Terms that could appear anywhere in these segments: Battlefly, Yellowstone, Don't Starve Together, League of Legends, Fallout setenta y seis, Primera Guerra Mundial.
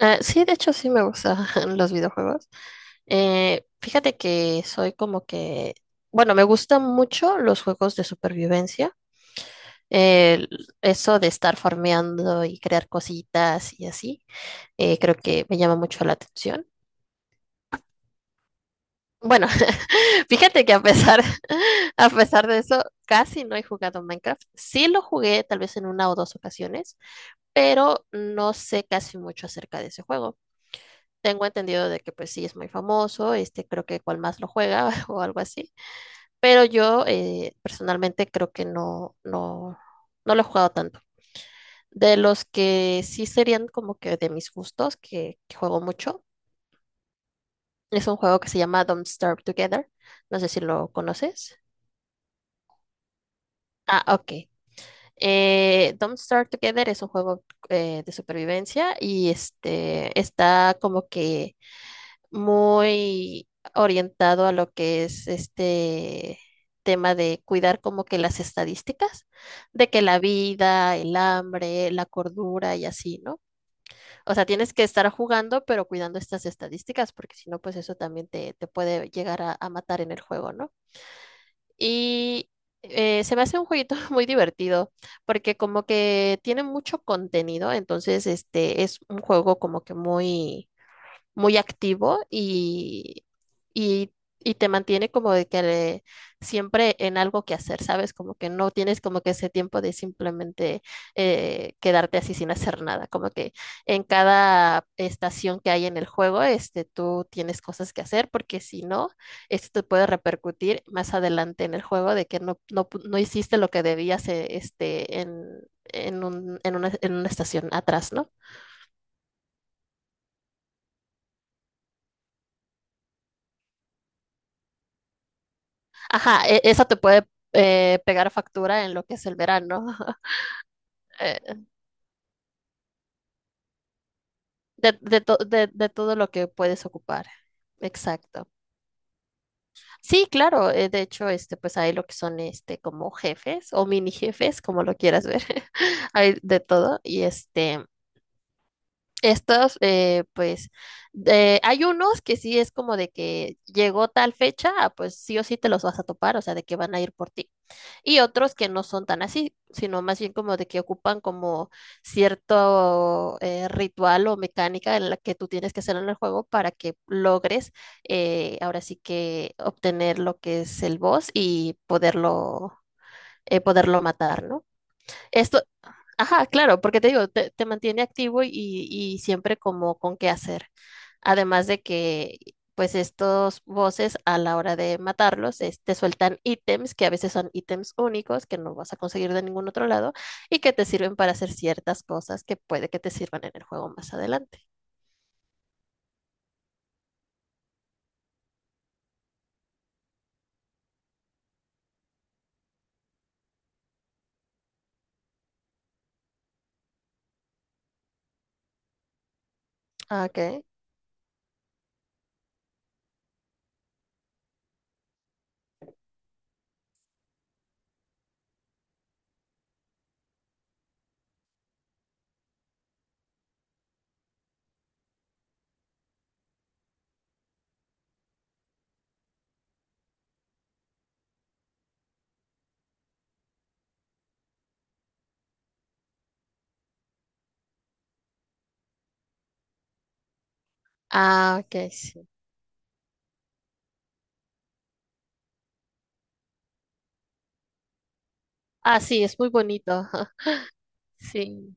Ah, sí, de hecho sí me gustan los videojuegos. Fíjate que soy como que, bueno, me gustan mucho los juegos de supervivencia. El- Eso de estar farmeando y crear cositas y así, creo que me llama mucho la atención. Bueno, fíjate que a pesar, a pesar de eso, casi no he jugado Minecraft. Sí lo jugué tal vez en una o dos ocasiones, pero no sé casi mucho acerca de ese juego. Tengo entendido de que pues sí es muy famoso, este creo que cual más lo juega o algo así, pero yo personalmente creo que no, no, no lo he jugado tanto. De los que sí serían como que de mis gustos, que juego mucho, es un juego que se llama Don't Starve Together, no sé si lo conoces. Ah, ok. Don't Starve Together es un juego de supervivencia y este está como que muy orientado a lo que es este tema de cuidar como que las estadísticas, de que la vida, el hambre, la cordura y así, ¿no? O sea, tienes que estar jugando, pero cuidando estas estadísticas, porque si no, pues eso también te puede llegar a matar en el juego, ¿no? Y se me hace un jueguito muy divertido, porque como que tiene mucho contenido, entonces este es un juego como que muy muy activo y, y te mantiene como de que siempre en algo que hacer, ¿sabes? Como que no tienes como que ese tiempo de simplemente quedarte así sin hacer nada, como que en cada estación que hay en el juego, este, tú tienes cosas que hacer porque si no, esto te puede repercutir más adelante en el juego de que no, no, no hiciste lo que debías este, en una estación atrás, ¿no? Ajá, esa te puede pegar factura en lo que es el verano, eh, de de- todo lo que puedes ocupar. Exacto. Sí, claro, de hecho, este, pues hay lo que son este como jefes o mini jefes, como lo quieras ver. Hay de todo. Y este, estos, eh, pues, hay unos que sí es como de que llegó tal fecha, ah, pues sí o sí te los vas a topar, o sea, de que van a ir por ti. Y otros que no son tan así, sino más bien como de que ocupan como cierto ritual o mecánica en la que tú tienes que hacer en el juego para que logres ahora sí que obtener lo que es el boss y poderlo matar, ¿no? Esto, ajá, claro, porque te digo, te mantiene activo y siempre como con qué hacer. Además de que, pues estos voces a la hora de matarlos, te sueltan ítems que a veces son ítems únicos que no vas a conseguir de ningún otro lado y que te sirven para hacer ciertas cosas que puede que te sirvan en el juego más adelante. Ah, ok. Ah, ok, sí. Ah, sí, es muy bonito. Sí.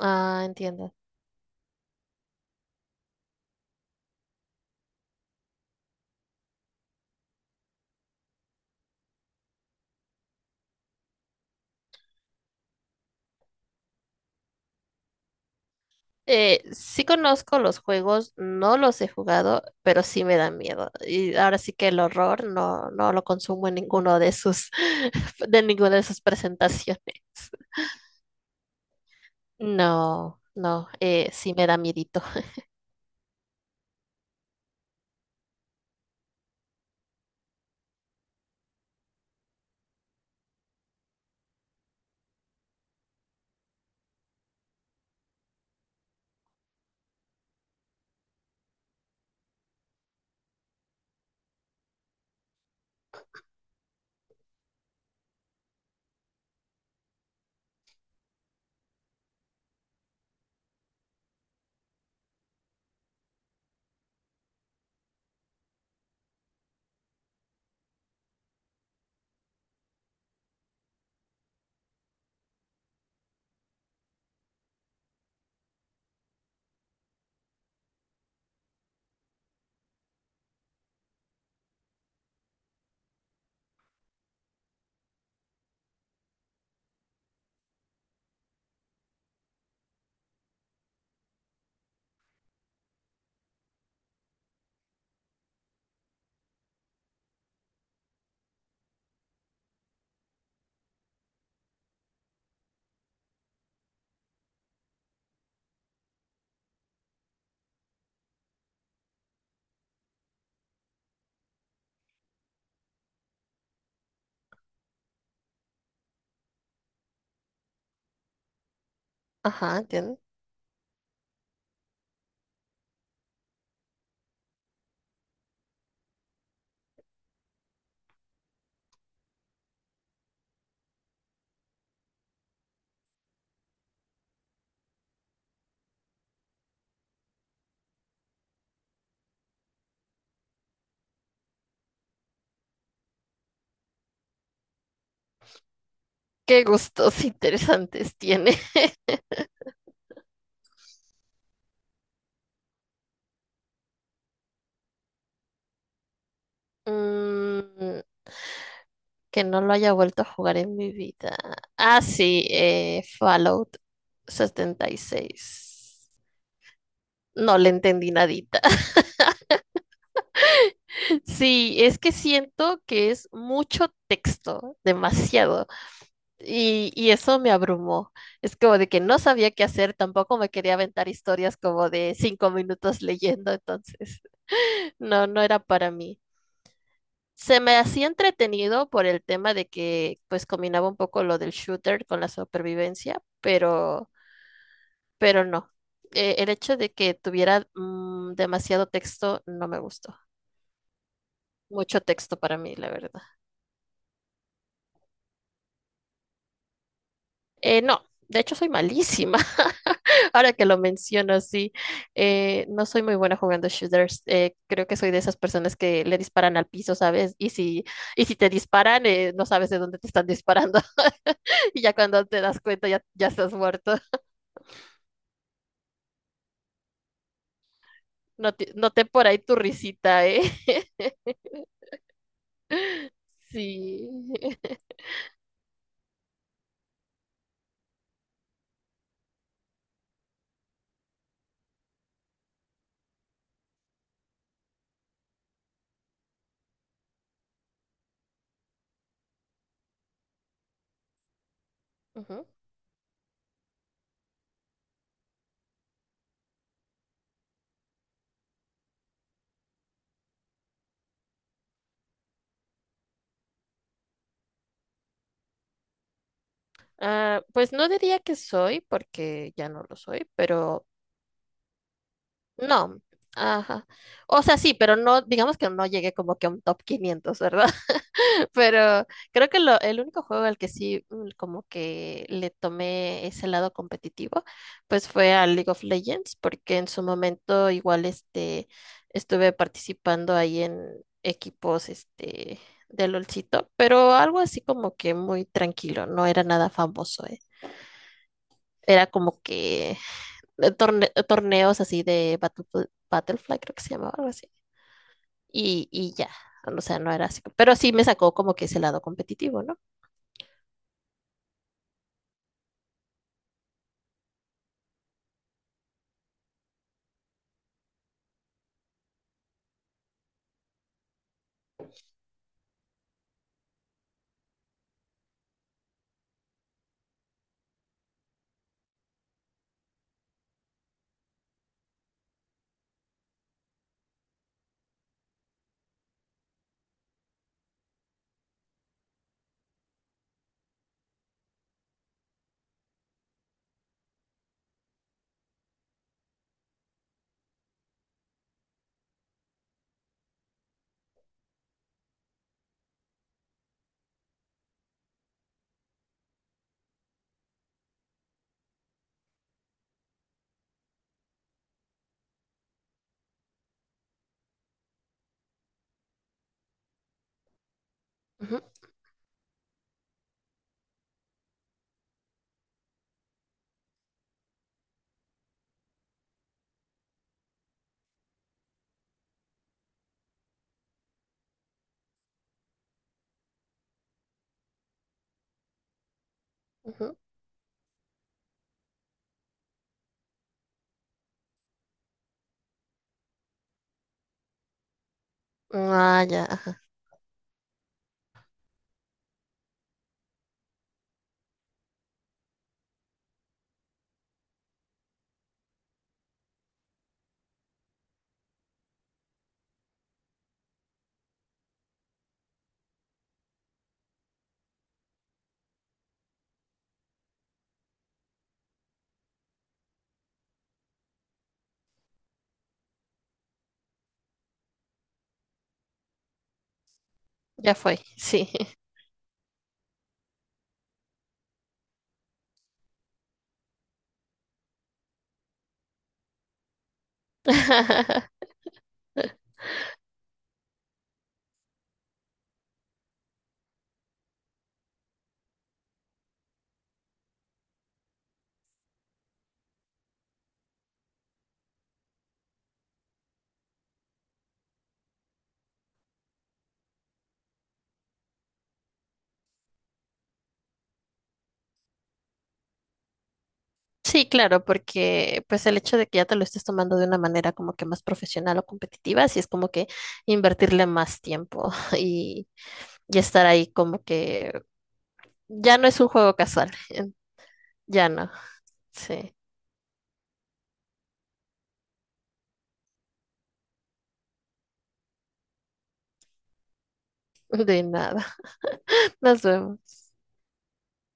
Ah, entiendo. Sí conozco los juegos, no los he jugado, pero sí me dan miedo. Y ahora sí que el horror no lo consumo en ninguno de sus, de ninguna de sus presentaciones. No, no, sí me da miedito. Ajá, entiendo. Qué gustos interesantes tiene. Mm, que no lo haya vuelto a jugar en mi vida. Ah, sí, Fallout 76. No le entendí nadita. Sí, es que siento que es mucho texto, demasiado, y eso me abrumó. Es como de que no sabía qué hacer, tampoco me quería aventar historias como de 5 minutos leyendo, entonces no era para mí. Se me hacía entretenido por el tema de que pues combinaba un poco lo del shooter con la supervivencia, pero no. El hecho de que tuviera demasiado texto no me gustó. Mucho texto para mí, la verdad. No, de hecho soy malísima. Ahora que lo menciono así, no soy muy buena jugando shooters. Creo que soy de esas personas que le disparan al piso, ¿sabes? Y si te disparan, no sabes de dónde te están disparando. Y ya cuando te das cuenta, ya estás muerto. No te- Noté por ahí tu risita, ¿eh? Sí. Ujú. Ah, pues no diría que soy, porque ya no lo soy, pero no. Ajá. O sea, sí, pero no, digamos que no llegué como que a un top 500, ¿verdad? Pero creo que el único juego al que sí como que le tomé ese lado competitivo, pues fue al League of Legends, porque en su momento igual este estuve participando ahí en equipos este de LOLcito, pero algo así como que muy tranquilo, no era nada famoso, eh. Era como que torneos así de Battlefly, creo que se llamaba algo así. Y ya, o sea, no era así. Pero sí me sacó como que ese lado competitivo, ¿no? Ujú, ujú. Ah, ya, ajá, ya fue, sí. Sí, claro, porque pues el hecho de que ya te lo estés tomando de una manera como que más profesional o competitiva, sí es como que invertirle más tiempo y, y estar ahí como que ya no es un juego casual, ya no, sí, de nada. Nos vemos.